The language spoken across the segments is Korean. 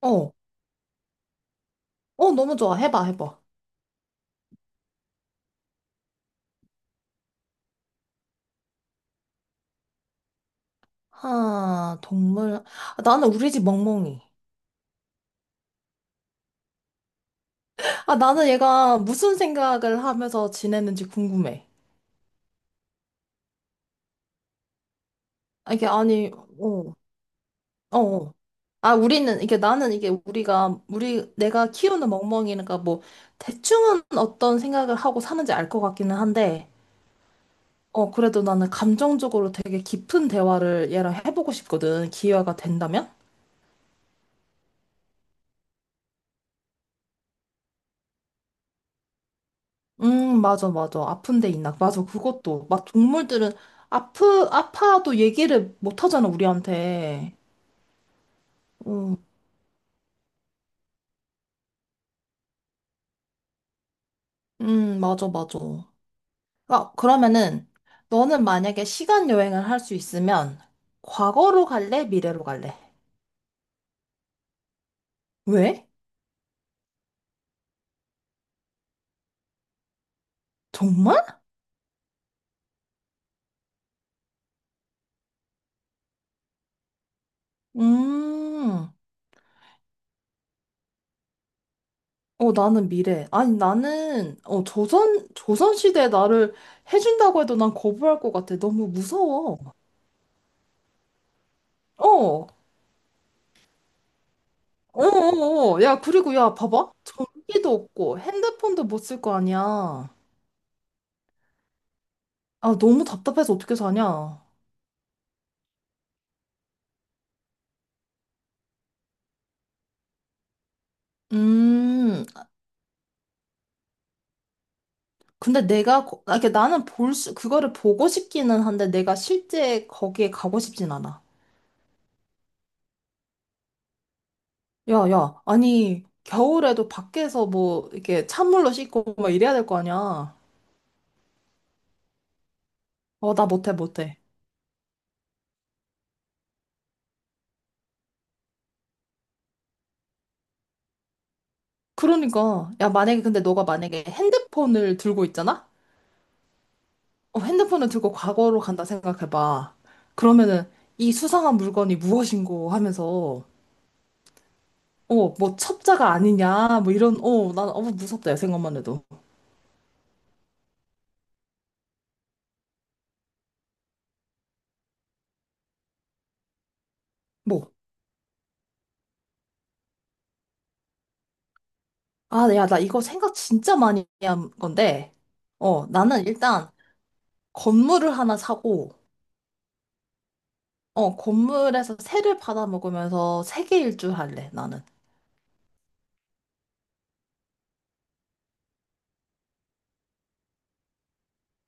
어, 어, 너무 좋아. 해봐, 해봐. 하, 동물. 아, 나는 우리 집 멍멍이. 아, 나는 얘가 무슨 생각을 하면서 지내는지 궁금해. 아, 이게 아니, 어, 어. 어. 아, 우리는, 이게 나는 이게 우리가, 우리, 내가 키우는 멍멍이니까 뭐, 대충은 어떤 생각을 하고 사는지 알 것 같기는 한데, 어, 그래도 나는 감정적으로 되게 깊은 대화를 얘랑 해보고 싶거든. 기회가 된다면? 맞아, 맞아. 아픈 데 있나? 맞아, 그것도. 막 동물들은 아파도 얘기를 못 하잖아, 우리한테. 음, 맞아, 맞아. 아, 그러면은, 너는 만약에 시간 여행을 할 수 있으면, 과거로 갈래? 미래로 갈래? 왜? 정말? 음, 어, 나는 미래. 아니, 나는, 어, 조선시대에 나를 해준다고 해도 난 거부할 것 같아. 너무 무서워. 어. 어어어. 야, 그리고 야, 봐봐. 전기도 없고 핸드폰도 못 쓸 거 아니야. 아, 너무 답답해서 어떻게 사냐. 음, 근데 내가, 아, 이게 나는 볼 수, 그거를 보고 싶기는 한데 내가 실제 거기에 가고 싶진 않아. 야, 야, 아니, 겨울에도 밖에서 뭐, 이렇게 찬물로 씻고 막 이래야 될 거 아니야. 어, 나 못해, 못해. 그러니까, 야, 만약에, 근데 너가 만약에 핸드폰을 들고 있잖아? 어, 핸드폰을 들고 과거로 간다 생각해봐. 그러면은 이 수상한 물건이 무엇인고 하면서 어, 뭐 첩자가 아니냐 뭐 이런 어, 난 어, 무섭다 야 생각만 해도. 뭐 아, 야, 나 이거 생각 진짜 많이 한 건데 어, 나는 일단 건물을 하나 사고 어, 건물에서 새를 받아 먹으면서 세계 일주 할래, 나는.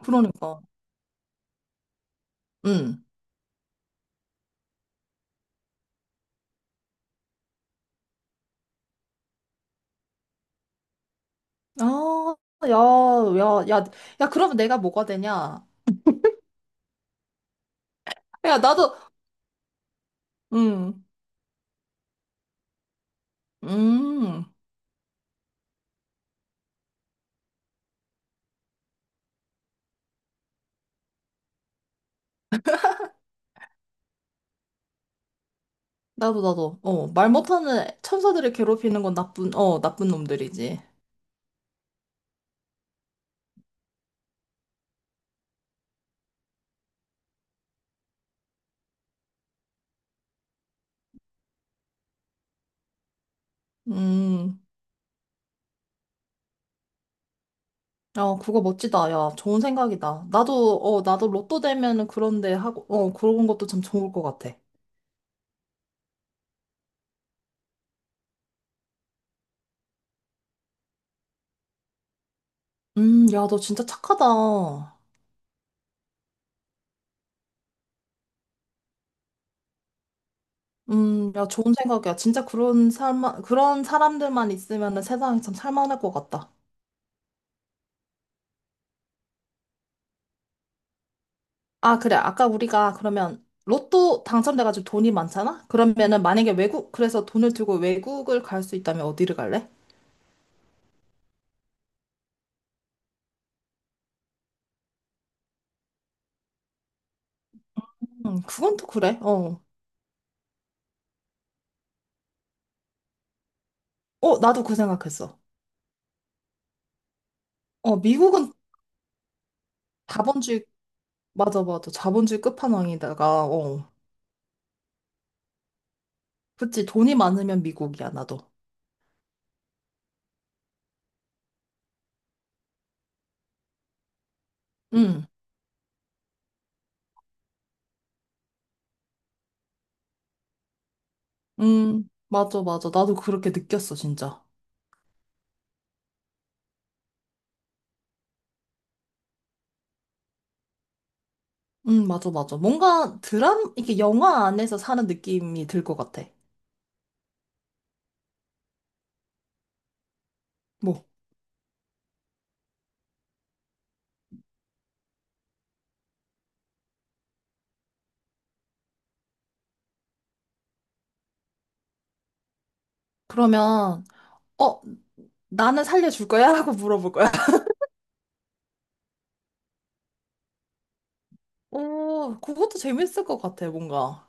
그러니까. 응. 아, 야, 야, 야, 야, 그러면 내가 뭐가 되냐? 야, 나도 음. 음. 나도, 나도. 어, 말 못하는 천사들을 괴롭히는 건 나쁜 놈들이지. 음, 야, 그거 멋지다. 야, 좋은 생각이다. 나도 로또 되면은 그런데 하고, 어, 그런 것도 참 좋을 것 같아. 야, 너 진짜 착하다. 야, 좋은 생각이야. 진짜 그런 삶, 그런 사람들만 있으면은 세상이 참 살만할 것 같다. 아, 그래. 아까 우리가 그러면 로또 당첨돼가지고 돈이 많잖아? 그러면은 만약에 외국, 그래서 돈을 들고 외국을 갈 수 있다면 어디를 갈래? 그건 또 그래. 어. 어, 나도 그 생각했어. 어, 미국은 자본주의, 맞아, 맞아. 자본주의 끝판왕이다가, 어. 그치, 돈이 많으면 미국이야, 나도. 응, 응, 맞아, 맞아. 나도 그렇게 느꼈어, 진짜. 응, 맞아, 맞아. 뭔가 이게 영화 안에서 사는 느낌이 들 것 같아. 뭐, 그러면, 어, 나는 살려줄 거야? 라고 물어볼 거야. 오, 그것도 재밌을 것 같아, 뭔가.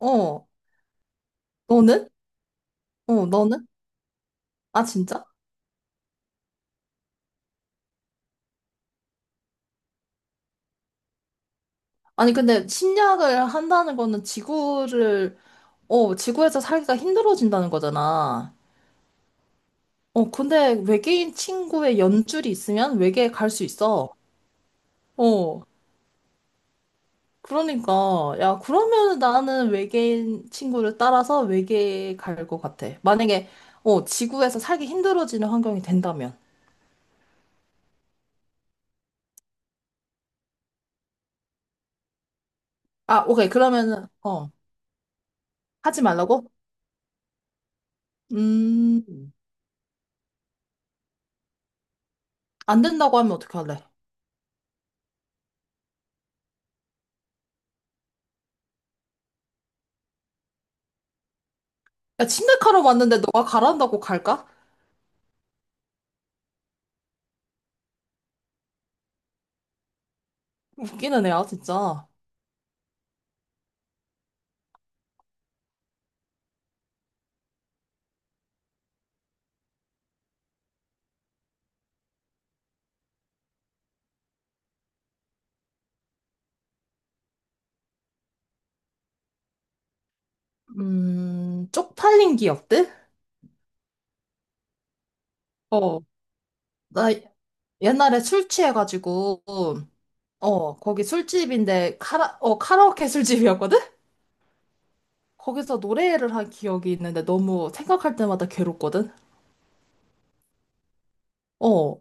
어, 너는? 어, 너는? 아, 진짜? 아니, 근데 침략을 한다는 거는 지구를, 어, 지구에서 살기가 힘들어진다는 거잖아. 어, 근데 외계인 친구의 연줄이 있으면 외계에 갈 수 있어. 어, 그러니까. 야, 그러면 나는 외계인 친구를 따라서 외계에 갈 것 같아. 만약에, 어, 지구에서 살기 힘들어지는 환경이 된다면. 아, 오케이. 그러면은, 어, 하지 말라고? 음, 안 된다고 하면 어떻게 할래? 야, 침략하러 왔는데 너가 가란다고 갈까? 웃기는 애야, 진짜. 쪽팔린 기억들? 어, 나 옛날에 술 취해가지고, 어, 거기 술집인데, 카라오케 술집이었거든? 거기서 노래를 한 기억이 있는데 너무 생각할 때마다 괴롭거든? 어,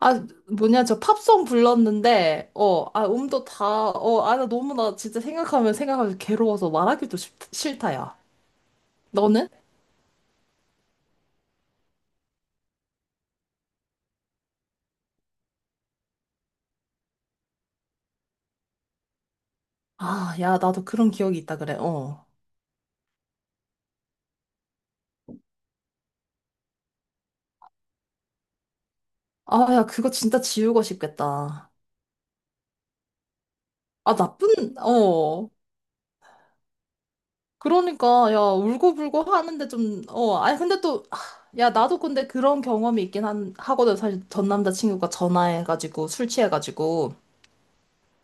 아, 뭐냐, 저 팝송 불렀는데, 어, 아, 음도 다, 어, 아, 나 너무 나 진짜 생각하면 생각하면 괴로워서 말하기도 싫다, 야. 너는? 아, 야, 나도 그런 기억이 있다 그래, 어. 아, 야, 그거 진짜 지우고 싶겠다. 아, 나쁜, 어. 그러니까, 야, 울고불고 하는데 좀. 어, 아니, 근데 또, 야, 나도 근데 그런 경험이 있긴 한 하거든. 사실 전 남자친구가 전화해가지고 술 취해가지고.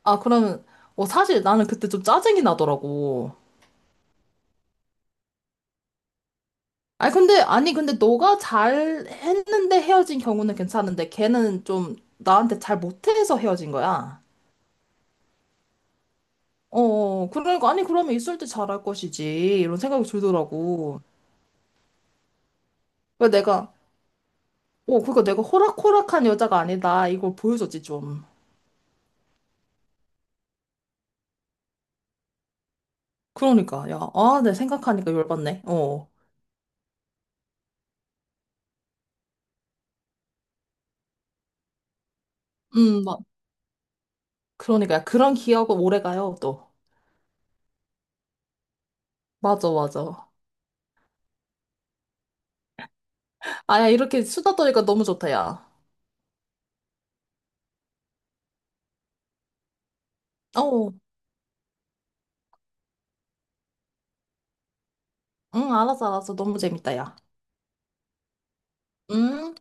아, 그러면, 어, 사실 나는 그때 좀 짜증이 나더라고. 아니 근데 너가 잘 했는데 헤어진 경우는 괜찮은데, 걔는 좀 나한테 잘 못해서 헤어진 거야. 어, 어, 그러니까, 아니, 그러면 있을 때 잘할 것이지. 이런 생각이 들더라고. 왜 내가. 어, 그러니까 내가 호락호락한 여자가 아니다, 이걸 보여줬지 좀. 그러니까, 야, 아, 내 생각하니까 열받네. 어. 막, 그러니까, 야, 그런 기억은 오래 가요, 또. 맞아, 맞아. 아, 야, 이렇게 수다 떠니까 너무 좋다, 야. 어, 응, 알았어, 알았어. 너무 재밌다, 야. 음.